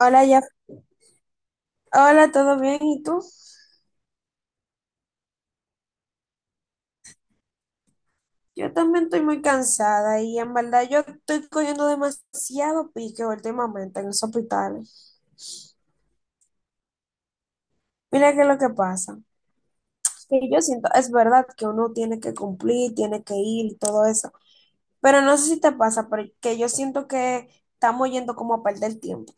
Hola, ya. Hola, ¿todo bien? ¿Y tú? Yo también estoy muy cansada y en verdad yo estoy cogiendo demasiado pique últimamente en los hospitales. Mira qué es lo que pasa. Que yo siento, es verdad que uno tiene que cumplir, tiene que ir y todo eso, pero no sé si te pasa, pero que yo siento que estamos yendo como a perder tiempo.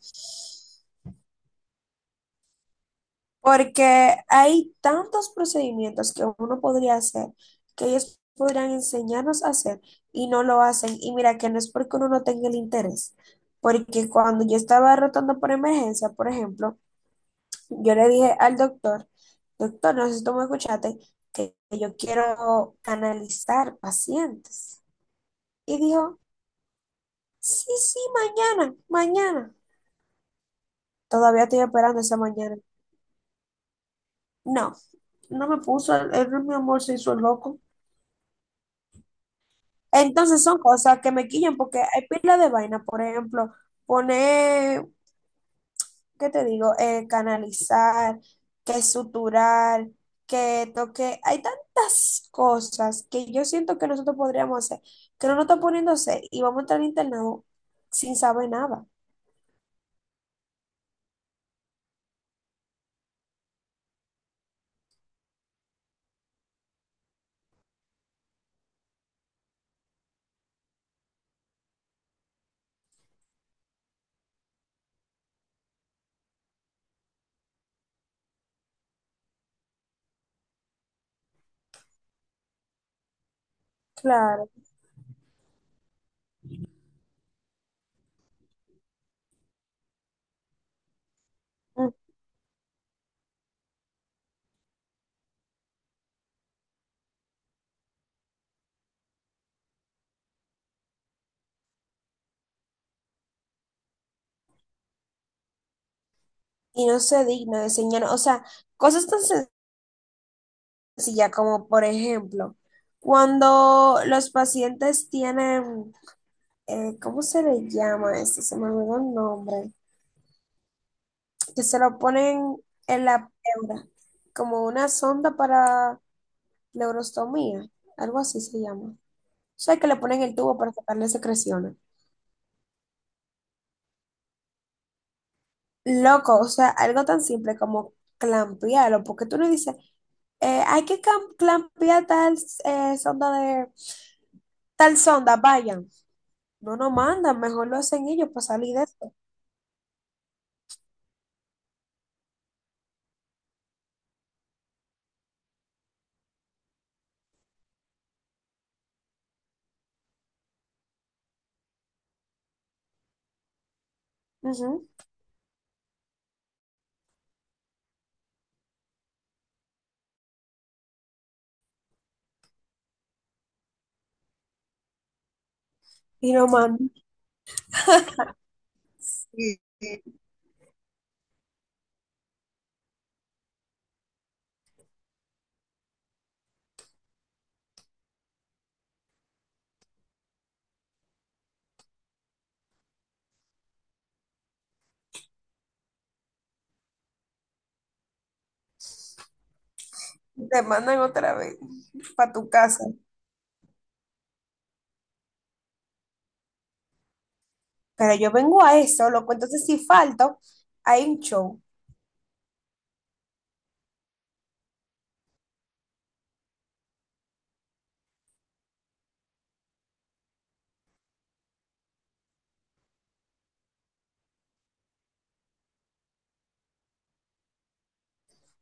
Porque hay tantos procedimientos que uno podría hacer, que ellos podrían enseñarnos a hacer y no lo hacen. Y mira que no es porque uno no tenga el interés, porque cuando yo estaba rotando por emergencia, por ejemplo, yo le dije al doctor, doctor, no sé si tú me escuchaste, que yo quiero canalizar pacientes. Y dijo, sí, sí, mañana, mañana. Todavía estoy esperando esa mañana. No, no me puso, él, mi amor se hizo el loco. Entonces son cosas que me quillan porque hay pila de vaina, por ejemplo, poner, ¿qué te digo? Canalizar, que suturar, que toque. Hay tantas cosas que yo siento que nosotros podríamos hacer, que no nos están poniéndose y vamos a entrar al sin saber nada. Claro. Mm. Y no se digna de enseñar. O sea, cosas tan sencillas como, por ejemplo, cuando los pacientes tienen ¿cómo se le llama eso? Se me olvidó el nombre. Que se lo ponen en la pleura, como una sonda para neurostomía, algo así se llama. O sea, que le ponen el tubo para sacarle secreciones. Loco, o sea, algo tan simple como clampearlo, porque tú no dices, hay que clampear tal sonda de tal sonda, vayan. No nos mandan, mejor lo hacen ellos para salir de esto. Ujú. Y nos mandan, te mandan otra vez para tu casa. Pero yo vengo a eso, loco. Entonces, si falto, hay un show.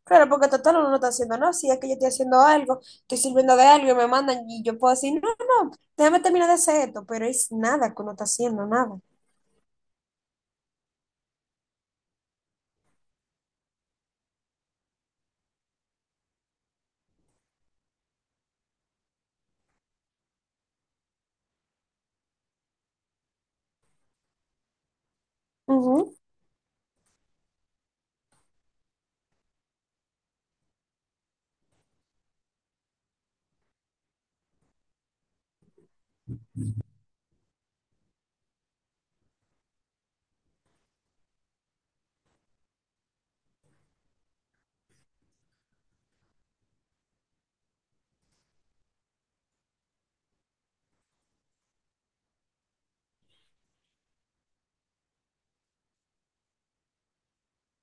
Claro, porque total uno no está haciendo, no, si es que yo estoy haciendo algo, estoy sirviendo de algo y me mandan y yo puedo decir, no, no, déjame terminar de hacer esto, pero es nada que uno está haciendo, nada. Ujú,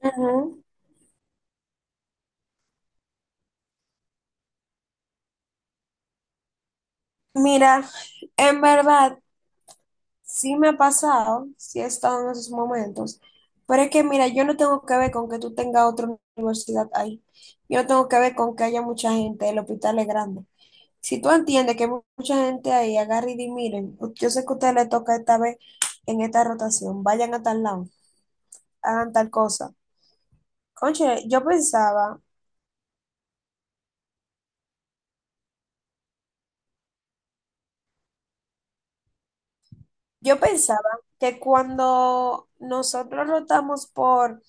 ujú. Mira, en verdad, sí me ha pasado, sí he estado en esos momentos, pero es que, mira, yo no tengo que ver con que tú tengas otra universidad ahí, yo no tengo que ver con que haya mucha gente, el hospital es grande. Si tú entiendes que mucha gente ahí agarra y di, miren, yo sé que a ustedes les toca esta vez en esta rotación, vayan a tal lado, hagan tal cosa. Conche, yo pensaba que cuando nosotros rotamos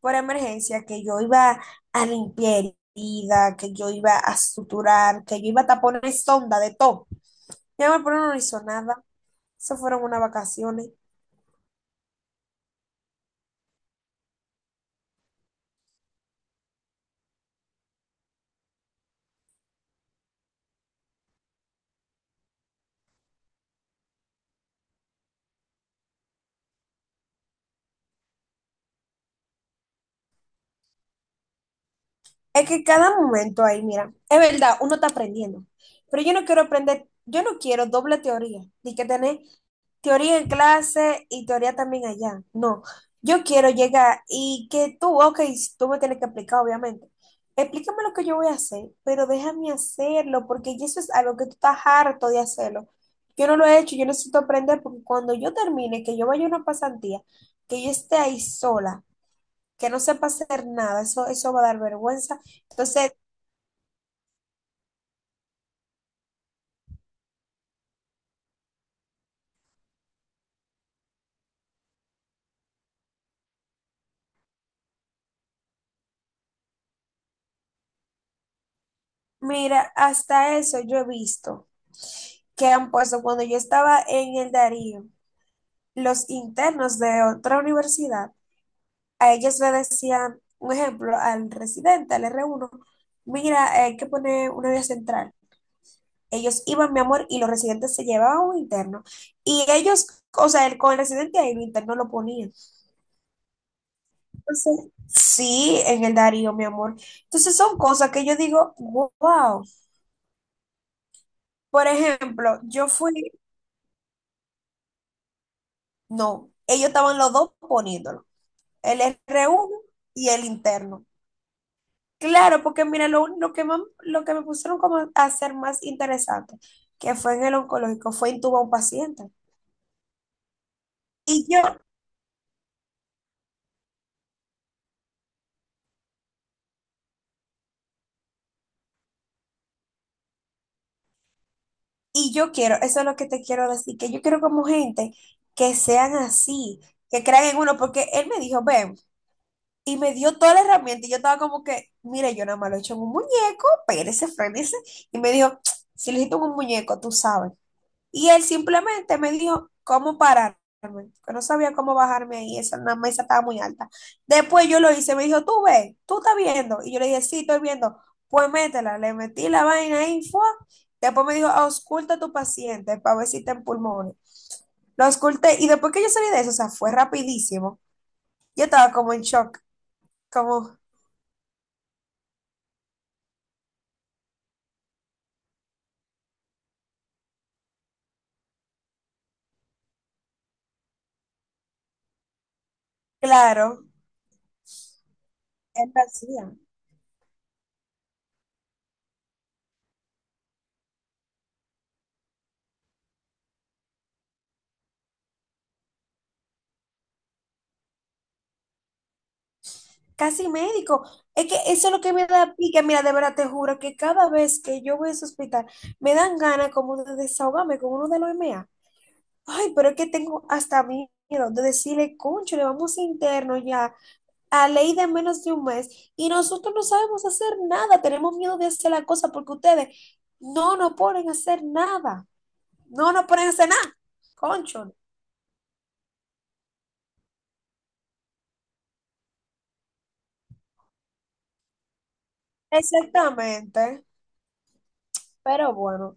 por emergencia, que yo iba a limpiar herida, que yo iba a suturar, que yo iba a taponar sonda de todo. Ya me pero no hizo nada. Se fueron unas vacaciones. Es que cada momento ahí, mira, es verdad, uno está aprendiendo, pero yo no quiero aprender, yo no quiero doble teoría, ni que tener teoría en clase y teoría también allá. No, yo quiero llegar y que tú, ok, tú me tienes que explicar, obviamente. Explícame lo que yo voy a hacer, pero déjame hacerlo, porque ya eso es algo que tú estás harto de hacerlo. Yo no lo he hecho, yo necesito aprender, porque cuando yo termine, que yo vaya a una pasantía, que yo esté ahí sola, que no sepa hacer nada, eso va a dar vergüenza. Entonces, mira, hasta eso yo he visto que han puesto cuando yo estaba en el Darío, los internos de otra universidad, a ellos le decían, un ejemplo, al residente, al R1, mira, hay que poner una vía central. Ellos iban, mi amor, y los residentes se llevaban un interno. Y ellos, o sea, el, con el residente ahí, el interno lo ponían. Entonces, sí, en el Darío, mi amor. Entonces son cosas que yo digo, wow. Por ejemplo, yo fui No, ellos estaban los dos poniéndolo, el r uno y el interno. Claro, porque mira, lo que, lo que me pusieron como a hacer más interesante, que fue en el oncológico, fue intubar a un paciente. Y yo, y yo quiero, eso es lo que te quiero decir, que yo quiero como gente que sean así, que crean en uno, porque él me dijo, ven, y me dio toda la herramienta, y yo estaba como que, mire, yo nada más lo he hecho en un muñeco, espérese, frénese, y me dijo, si lo hiciste en un muñeco, tú sabes. Y él simplemente me dijo cómo pararme, que no sabía cómo bajarme ahí, esa la mesa estaba muy alta. Después yo lo hice, me dijo, tú ves, tú estás viendo. Y yo le dije, sí, estoy viendo. Pues métela, le metí la vaina ahí, fue. Después me dijo, ausculta a tu paciente para ver si está en pulmones. Lo ausculté y después que yo salí de eso, o sea, fue rapidísimo. Yo estaba como en shock, como, claro, él lo hacía. Casi médico. Es que eso es lo que me da pique. Mira, de verdad te juro que cada vez que yo voy a ese hospital, me dan ganas como de desahogarme con uno de los MA. Ay, pero es que tengo hasta miedo de decirle, concho, le vamos a interno ya a ley de menos de un mes y nosotros no sabemos hacer nada. Tenemos miedo de hacer la cosa porque ustedes no nos ponen a hacer nada. No nos ponen a hacer nada, concho. Exactamente. Pero bueno.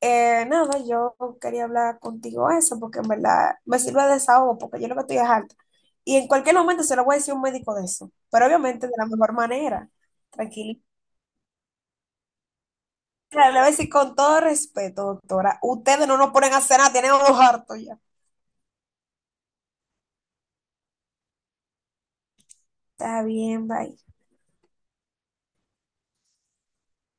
Nada, yo quería hablar contigo eso porque en verdad me sirve de desahogo porque yo lo que estoy es harta. Y en cualquier momento se lo voy a decir a un médico de eso, pero obviamente de la mejor manera, tranquilita. Le voy a decir con todo respeto, doctora, ustedes no nos ponen a cenar, tienen unos hartos ya. Está bien, bye.